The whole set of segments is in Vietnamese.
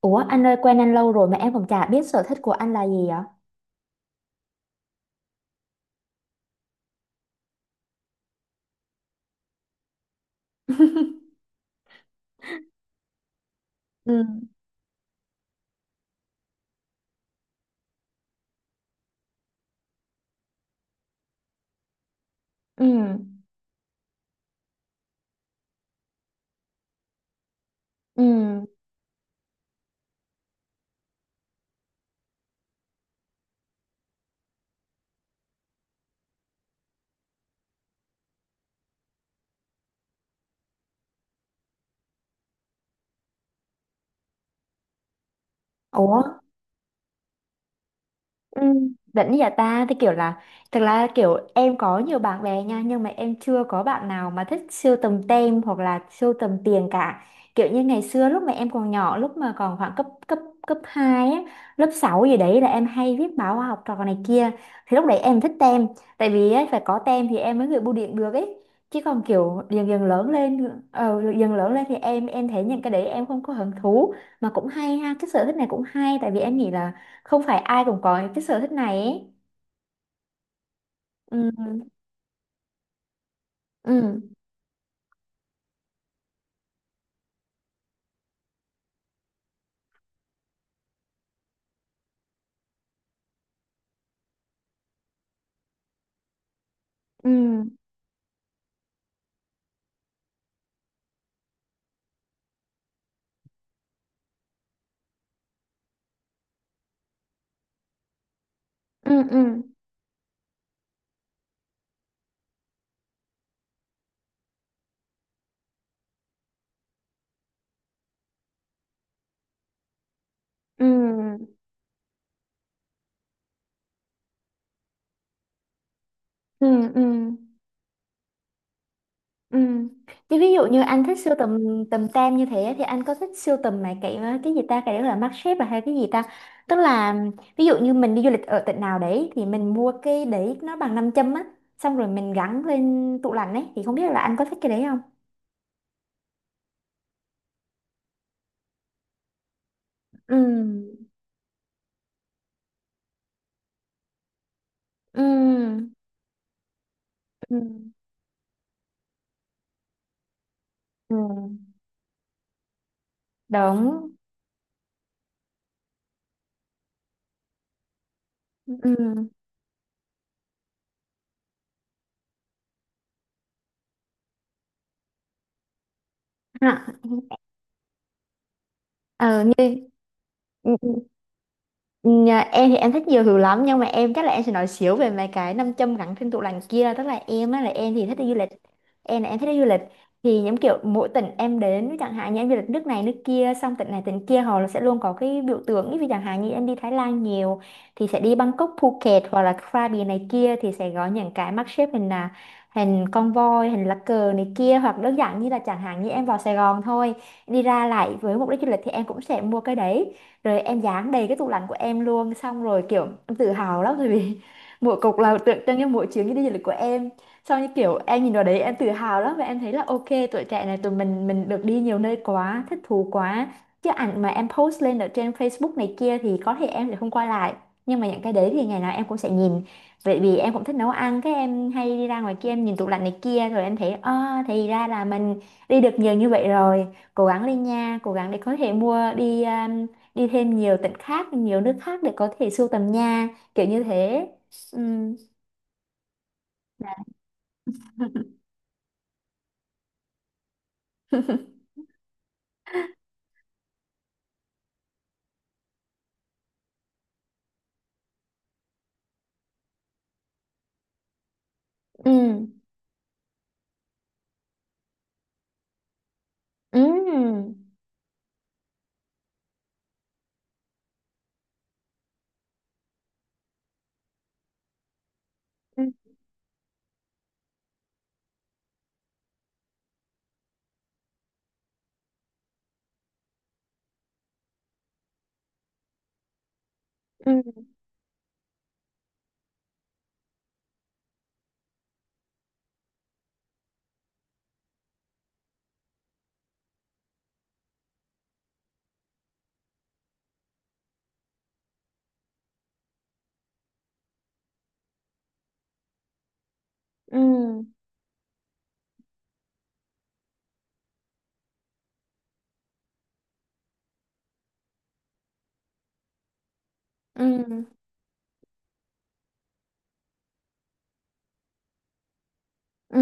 Ủa anh ơi, quen anh lâu rồi mà em còn chả biết sở thích của anh là gì ạ? Ừ. Ừ. Ừ. Ủa. Ừ, vẫn nhà ta thì kiểu là thực ra kiểu em có nhiều bạn bè nha nhưng mà em chưa có bạn nào mà thích sưu tầm tem hoặc là sưu tầm tiền cả. Kiểu như ngày xưa lúc mà em còn nhỏ, lúc mà còn khoảng cấp cấp cấp 2 á, lớp 6 gì đấy là em hay viết báo khoa học trò này kia, thì lúc đấy em thích tem, tại vì á, phải có tem thì em mới gửi bưu điện được ấy. Chứ còn kiểu dần dần lớn lên, dần lớn lên thì em thấy những cái đấy em không có hứng thú. Mà cũng hay ha, cái sở thích này cũng hay, tại vì em nghĩ là không phải ai cũng có cái sở thích này ấy. Ừ. Ừ. Ừ. Ừ. Ừ. Ừ. Ừ. Ừ. Ừ. Chứ ví dụ như anh thích sưu tầm tầm tem như thế thì anh có thích sưu tầm mấy cái gì ta, cái đó là mác xếp à hay cái gì ta, tức là ví dụ như mình đi du lịch ở tỉnh nào đấy thì mình mua cái đấy, nó bằng nam châm á, xong rồi mình gắn lên tủ lạnh ấy, thì không biết là anh có thích cái đấy không? Ừ. Ừ. Ừ. Ừ. Đúng. Ừ. Hả? Ờ như. Ừ, ừ, Nhà em thì em thích nhiều thứ lắm nhưng mà em chắc là em sẽ nói xíu về mấy cái nam châm gắn trên tủ lạnh kia. Tức là em á, là em thì thích đi du lịch, em là em thích đi du lịch, thì những kiểu mỗi tỉnh em đến chẳng hạn như em du lịch nước này nước kia, xong tỉnh này tỉnh kia họ sẽ luôn có cái biểu tượng. Ví dụ chẳng hạn như em đi Thái Lan nhiều thì sẽ đi Bangkok, Phuket hoặc là Krabi này kia thì sẽ có những cái mác xếp hình là hình con voi, hình lá cờ này kia, hoặc đơn giản như là chẳng hạn như em vào Sài Gòn thôi, đi ra lại với mục đích du lịch thì em cũng sẽ mua cái đấy. Rồi em dán đầy cái tủ lạnh của em luôn, xong rồi kiểu em tự hào lắm, tại vì mỗi cục là tượng trưng cho mỗi chuyến đi du lịch của em. Xong như kiểu em nhìn vào đấy em tự hào lắm, và em thấy là ok, tuổi trẻ này tụi mình được đi nhiều nơi quá, thích thú quá. Chứ ảnh mà em post lên ở trên Facebook này kia thì có thể em sẽ không quay lại, nhưng mà những cái đấy thì ngày nào em cũng sẽ nhìn. Vậy vì em cũng thích nấu ăn, cái em hay đi ra ngoài kia, em nhìn tủ lạnh này kia rồi em thấy à, thì ra là mình đi được nhiều như vậy rồi, cố gắng lên nha, cố gắng để có thể mua, đi thêm nhiều tỉnh khác, nhiều nước khác để có thể sưu tầm nha, kiểu như thế. Ừ. Dạ. Ừ. Ừ. Ừ. Ừ. Ừ. Ừ. Ừ.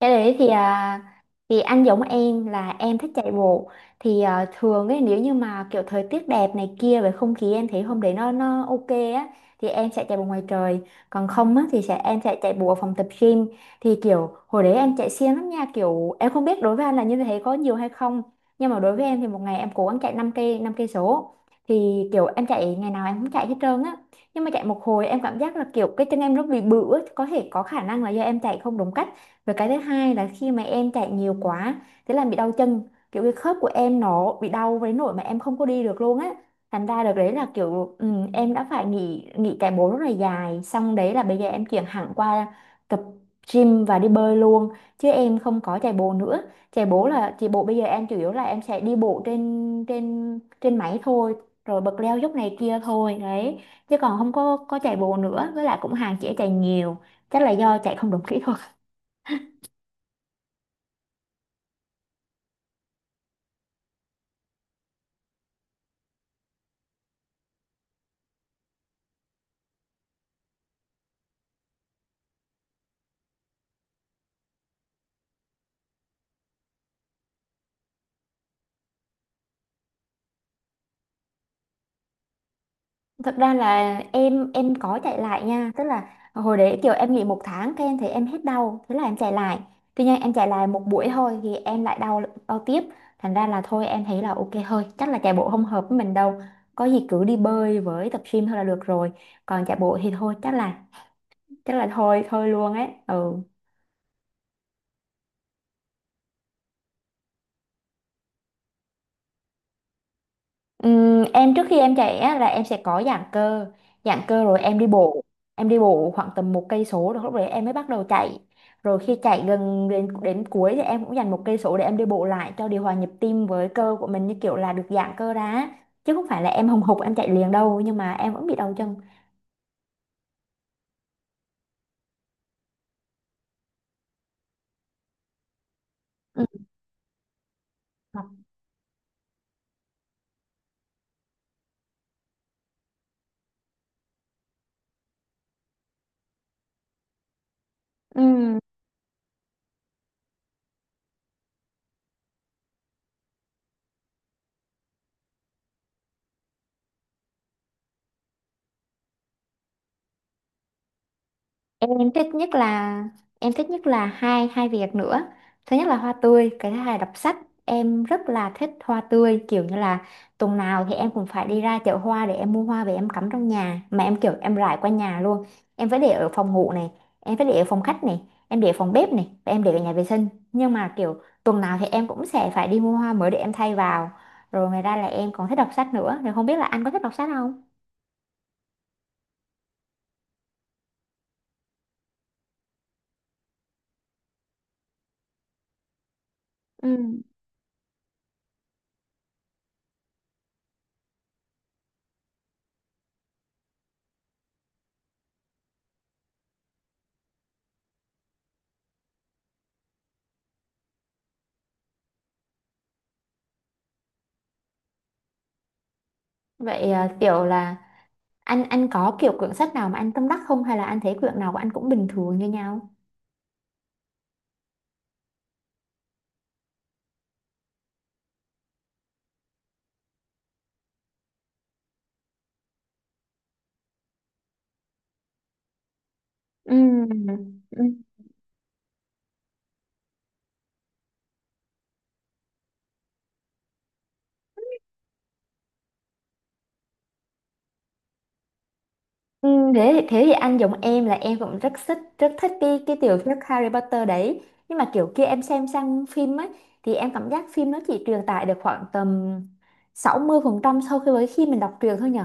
Cái đấy thì à, thì anh giống em là em thích chạy bộ, thì à, thường ấy nếu như mà kiểu thời tiết đẹp này kia, về không khí em thấy hôm đấy nó ok á thì em sẽ chạy bộ ngoài trời, còn không á thì sẽ em sẽ chạy bộ ở phòng tập gym. Thì kiểu hồi đấy em chạy siêng lắm nha, kiểu em không biết đối với anh là như thế có nhiều hay không, nhưng mà đối với em thì một ngày em cố gắng chạy 5 cây số. Thì kiểu em chạy ngày nào em cũng chạy hết trơn á, nhưng mà chạy một hồi em cảm giác là kiểu cái chân em nó bị bự á, có thể có khả năng là do em chạy không đúng cách. Và cái thứ hai là khi mà em chạy nhiều quá thế là bị đau chân, kiểu cái khớp của em nó bị đau với nỗi mà em không có đi được luôn á. Thành ra được đấy là kiểu ừ, em đã phải nghỉ nghỉ chạy bộ rất là dài. Xong đấy là bây giờ em chuyển hẳn qua tập gym và đi bơi luôn, chứ em không có chạy bộ nữa. Chạy bộ là chạy bộ bây giờ em chủ yếu là em sẽ đi bộ trên trên trên máy thôi, rồi bật leo dốc này kia thôi đấy, chứ còn không có có chạy bộ nữa, với lại cũng hạn chế chạy nhiều, chắc là do chạy không đúng kỹ thuật. Thật ra là em có chạy lại nha, tức là hồi đấy kiểu em nghỉ 1 tháng cái em thấy em hết đau, thế là em chạy lại. Tuy nhiên em chạy lại một buổi thôi thì em lại đau, đau tiếp, thành ra là thôi em thấy là ok thôi, chắc là chạy bộ không hợp với mình đâu. Có gì cứ đi bơi với tập gym thôi là được rồi. Còn chạy bộ thì thôi, chắc là thôi thôi luôn ấy. Ừ. Em trước khi em chạy á, là em sẽ có giãn cơ, giãn cơ rồi em đi bộ, em đi bộ khoảng tầm 1 cây số rồi lúc đấy em mới bắt đầu chạy. Rồi khi chạy gần đến đến cuối thì em cũng dành 1 cây số để em đi bộ lại cho điều hòa nhịp tim, với cơ của mình như kiểu là được giãn cơ ra á. Chứ không phải là em hùng hục em chạy liền đâu, nhưng mà em vẫn bị đau chân. Ừ. Ừ. Em thích nhất là em thích nhất là hai hai việc nữa. Thứ nhất là hoa tươi, cái thứ hai là đọc sách. Em rất là thích hoa tươi, kiểu như là tuần nào thì em cũng phải đi ra chợ hoa để em mua hoa về em cắm trong nhà, mà em kiểu em rải qua nhà luôn. Em phải để ở phòng ngủ này, em phải để ở phòng khách này, em để ở phòng bếp này, và em để ở nhà vệ sinh. Nhưng mà kiểu tuần nào thì em cũng sẽ phải đi mua hoa mới để em thay vào. Rồi ngoài ra là em còn thích đọc sách nữa, thì không biết là anh có thích đọc sách không? Ừ. Vậy à, kiểu là anh có kiểu quyển sách nào mà anh tâm đắc không, hay là anh thấy quyển nào của anh cũng bình thường như nhau? Ừ. Ừ. Ừ, thế thì anh giống em là em cũng rất thích, rất thích cái tiểu thuyết Harry Potter đấy, nhưng mà kiểu kia em xem sang phim ấy thì em cảm giác phim nó chỉ truyền tải được khoảng tầm 60% sau khi với khi mình đọc truyện thôi nhở.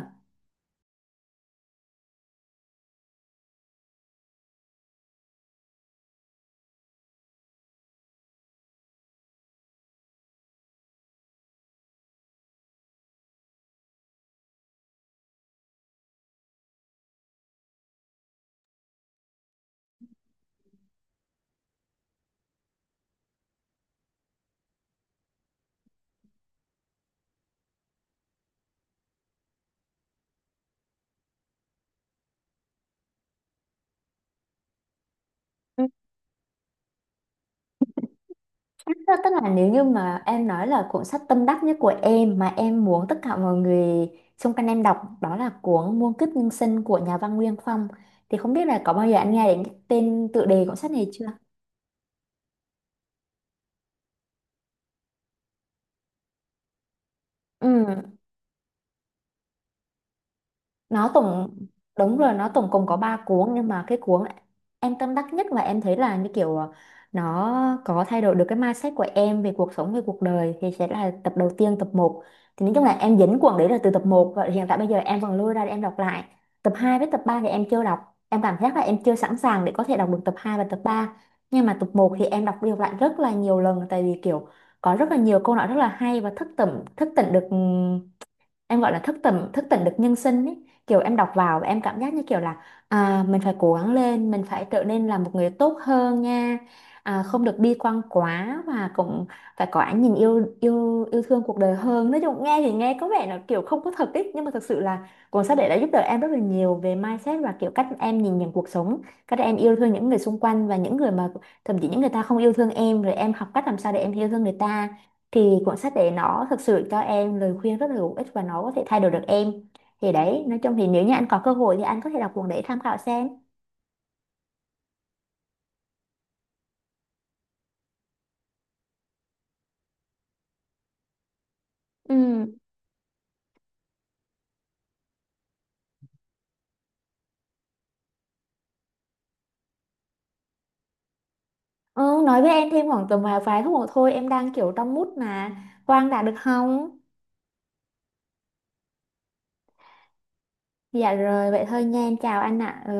Tức Tức là nếu như mà em nói là cuốn sách tâm đắc nhất của em mà em muốn tất cả mọi người xung quanh em đọc đó là cuốn Muôn Kiếp Nhân Sinh của nhà văn Nguyên Phong, thì không biết là có bao giờ anh nghe đến cái tên tựa đề cuốn sách này chưa? Ừ. Nó tổng, đúng rồi, nó tổng cộng có 3 cuốn, nhưng mà cái cuốn em tâm đắc nhất và em thấy là như kiểu ờ, nó có thay đổi được cái mindset của em về cuộc sống, về cuộc đời thì sẽ là tập đầu tiên, tập 1. Thì nói chung là em dính cuốn đấy là từ tập 1, và hiện tại bây giờ em vẫn lôi ra để em đọc lại. Tập 2 với tập 3 thì em chưa đọc, em cảm giác là em chưa sẵn sàng để có thể đọc được tập 2 và tập 3. Nhưng mà tập 1 thì em đọc đi đọc lại rất là nhiều lần, tại vì kiểu có rất là nhiều câu nói rất là hay và thức tỉnh được, em gọi là thức tỉnh được nhân sinh ấy. Kiểu em đọc vào và em cảm giác như kiểu là à, mình phải cố gắng lên, mình phải trở nên là một người tốt hơn nha, à, không được bi quan quá, và cũng phải có ánh nhìn yêu yêu yêu thương cuộc đời hơn. Nói chung nghe thì nghe có vẻ là kiểu không có thật ấy, nhưng mà thực sự là cuốn sách đấy đã giúp đỡ em rất là nhiều về mindset và kiểu cách em nhìn nhận cuộc sống, cách em yêu thương những người xung quanh, và những người mà thậm chí những người ta không yêu thương em rồi em học cách làm sao để em yêu thương người ta. Thì cuốn sách đấy nó thực sự cho em lời khuyên rất là hữu ích và nó có thể thay đổi được em. Thì đấy, nói chung thì nếu như anh có cơ hội thì anh có thể đọc cuốn đấy tham khảo xem. Ừ. Ừ, nói với em thêm khoảng tầm vài vài phút nữa thôi, em đang kiểu trong mút mà Quang đã được không? Dạ rồi, vậy thôi nha, em chào anh ạ. Ừ.